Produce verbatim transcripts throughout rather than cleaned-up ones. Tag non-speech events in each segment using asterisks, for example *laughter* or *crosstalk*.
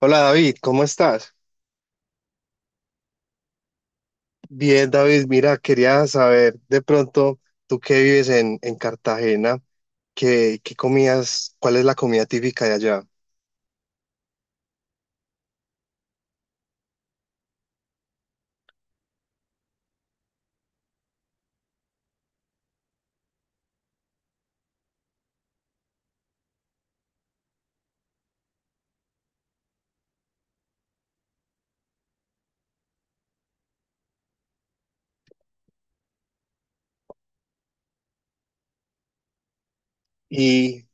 Hola David, ¿cómo estás? Bien, David, mira, quería saber de pronto, tú que vives en, en Cartagena, ¿qué, qué comías, ¿cuál es la comida típica de allá? Y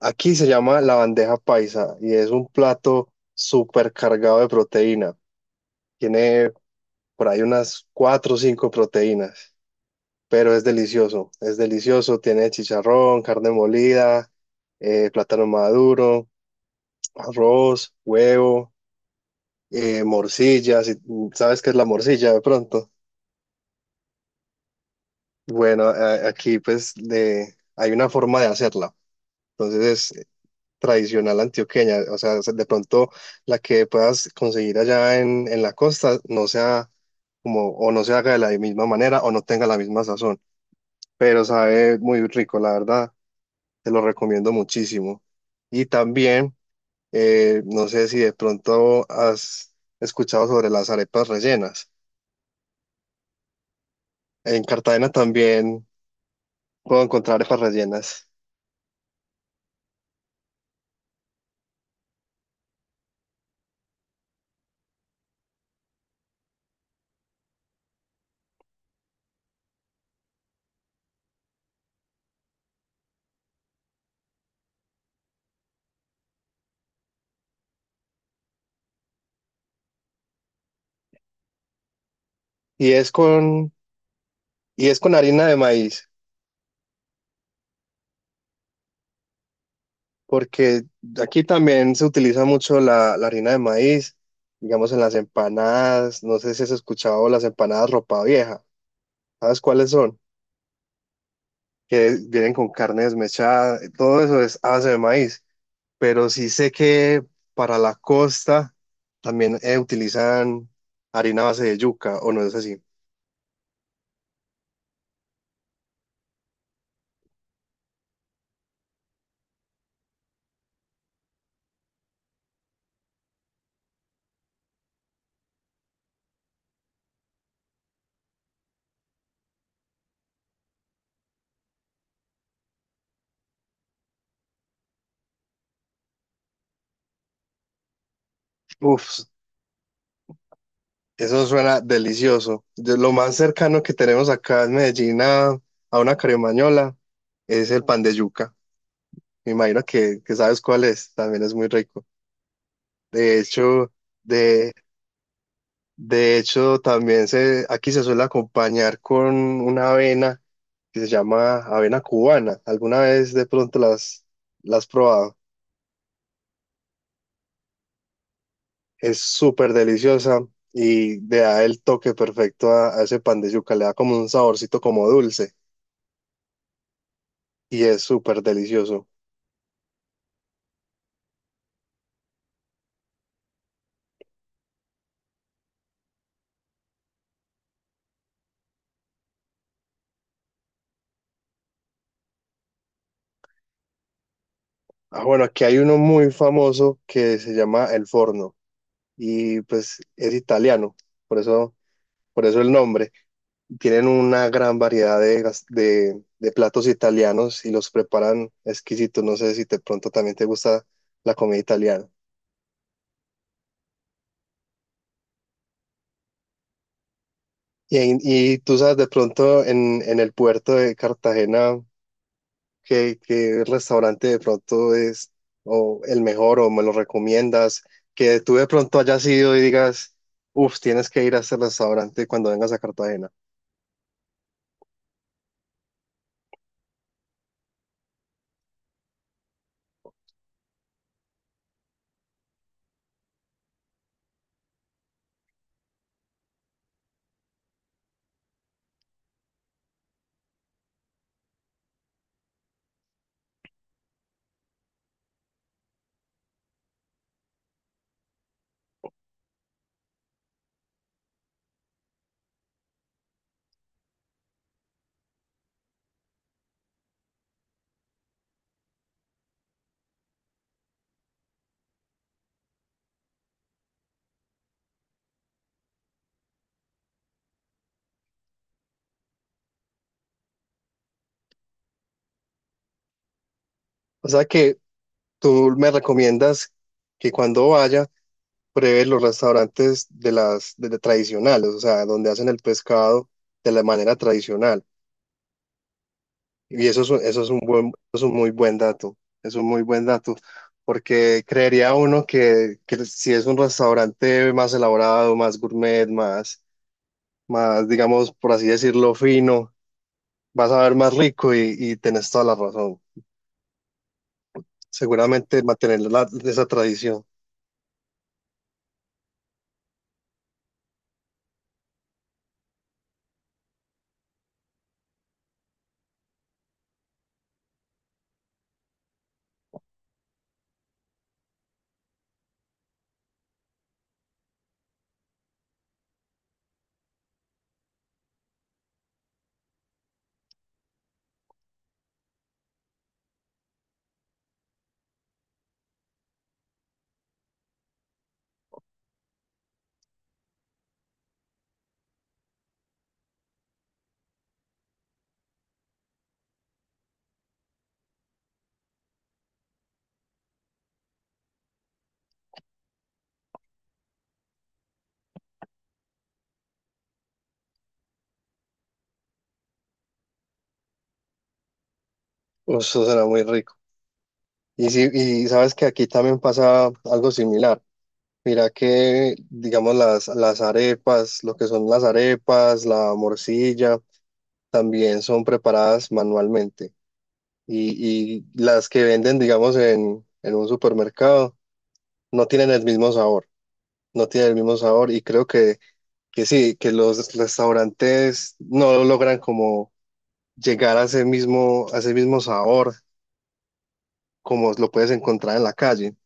aquí se llama la bandeja paisa y es un plato súper cargado de proteína. Tiene por ahí unas cuatro o cinco proteínas, pero es delicioso, es delicioso. Tiene chicharrón, carne molida, eh, plátano maduro, arroz, huevo. eh, Morcilla, si sabes qué es la morcilla de pronto. Bueno, a- aquí pues de- hay una forma de hacerla, entonces es tradicional antioqueña, o sea, de pronto la que puedas conseguir allá en, en la costa no sea como, o no se haga de la misma manera o no tenga la misma sazón, pero sabe muy rico, la verdad, te lo recomiendo muchísimo. Y también, eh, no sé si de pronto has escuchado sobre las arepas rellenas. En Cartagena también puedo encontrar arepas rellenas. Y es con, y es con harina de maíz, porque aquí también se utiliza mucho la, la harina de maíz, digamos en las empanadas, no sé si has escuchado las empanadas ropa vieja, ¿sabes cuáles son? Que vienen con carne desmechada, todo eso es a base de maíz, pero sí sé que para la costa también eh, utilizan harina a base de yuca, o no es así. Uf, eso suena delicioso. Yo- lo más cercano que tenemos acá en Medellín a, a una caremañola es el pan de yuca. Me imagino que, que sabes cuál es, también es muy rico. De hecho, de, de hecho también se, aquí se suele acompañar con una avena que se llama avena cubana. ¿Alguna vez de pronto las, las has probado? Es súper deliciosa y le da el toque perfecto a, a ese pan de yuca. Le da como un saborcito como dulce y es súper delicioso. Ah, bueno, aquí hay uno muy famoso que se llama El Forno y pues es italiano, por eso, por eso el nombre. Tienen una gran variedad de, gas- de, de platos italianos y los preparan exquisitos. No sé si de pronto también te gusta la comida italiana. Y, en- y tú sabes, de pronto en, en el puerto de Cartagena, ¿Qué, qué restaurante de pronto es o el mejor o me lo recomiendas? Que tú de pronto hayas ido y digas, uff, tienes que ir a ese restaurante cuando vengas a Cartagena. O sea que tú me recomiendas que cuando vaya pruebe los restaurantes de las de- de tradicionales, o sea, donde hacen el pescado de la manera tradicional. Y eso es, un- eso es un buen, es un muy buen dato, es un muy buen dato, porque creería uno que, que si es un restaurante más elaborado, más gourmet, más, más, digamos, por así decirlo, fino, vas a ver más rico y, y tenés toda la razón. Seguramente mantener la- esa tradición, eso será muy rico. Y, sí, y sabes que aquí también pasa algo similar. Mira que, digamos, las, las arepas, lo que son las arepas, la morcilla. También son preparadas manualmente y, y las que venden, digamos, en, en un supermercado no tienen el mismo sabor, no tienen el mismo sabor y creo que, que sí, que los restaurantes no logran como llegar a ese mismo, a ese mismo sabor como lo puedes encontrar en la calle.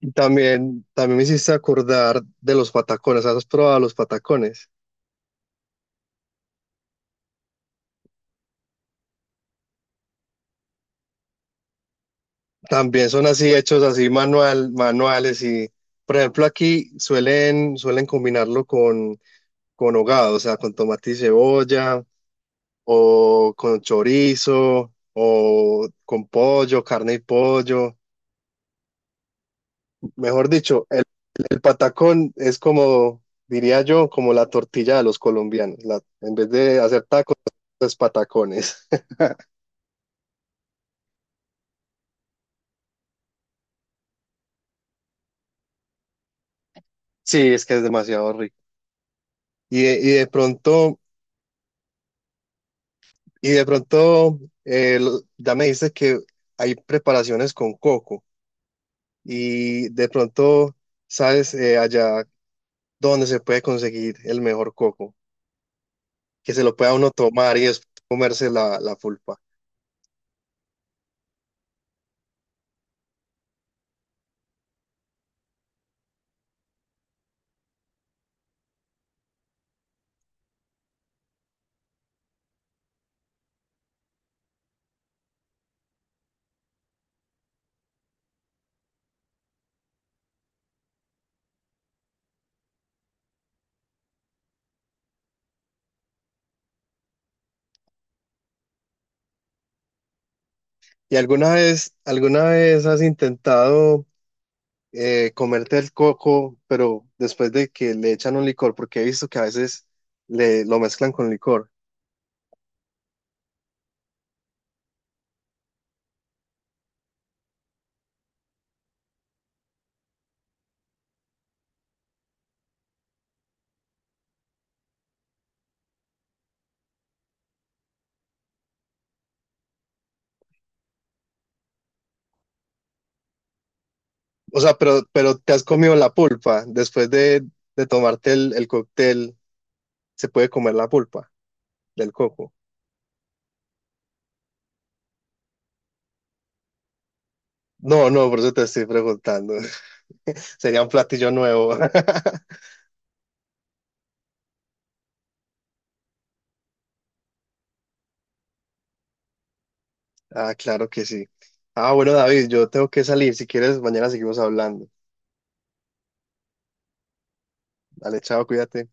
Y también, también me hiciste acordar de los patacones, ¿has probado los patacones? También son así hechos así manual, manuales y... Por ejemplo, aquí suelen, suelen combinarlo con, con hogado, o sea, con tomate y cebolla, o con chorizo, o con pollo, carne y pollo. Mejor dicho, el, el patacón es como, diría yo, como la tortilla de los colombianos. La- en vez de hacer tacos, es patacones. *laughs* Sí, es que es demasiado rico. Y, de- y de pronto, y de pronto, eh, lo- ya me dices que hay preparaciones con coco. Y de pronto, ¿sabes? Eh, allá donde se puede conseguir el mejor coco, que se lo pueda uno tomar y después comerse la, la pulpa. ¿Y alguna vez, alguna vez has intentado eh, comerte el coco, pero después de que le echan un licor? Porque he visto que a veces le, lo mezclan con licor. O sea, pero, pero te has comido la pulpa. Después de, de tomarte el, el cóctel, se puede comer la pulpa del coco. No, no, por eso te estoy preguntando. *laughs* Sería un platillo nuevo. *laughs* Ah, claro que sí. Ah, bueno, David, yo tengo que salir. Si quieres, mañana seguimos hablando. Dale, chao, cuídate.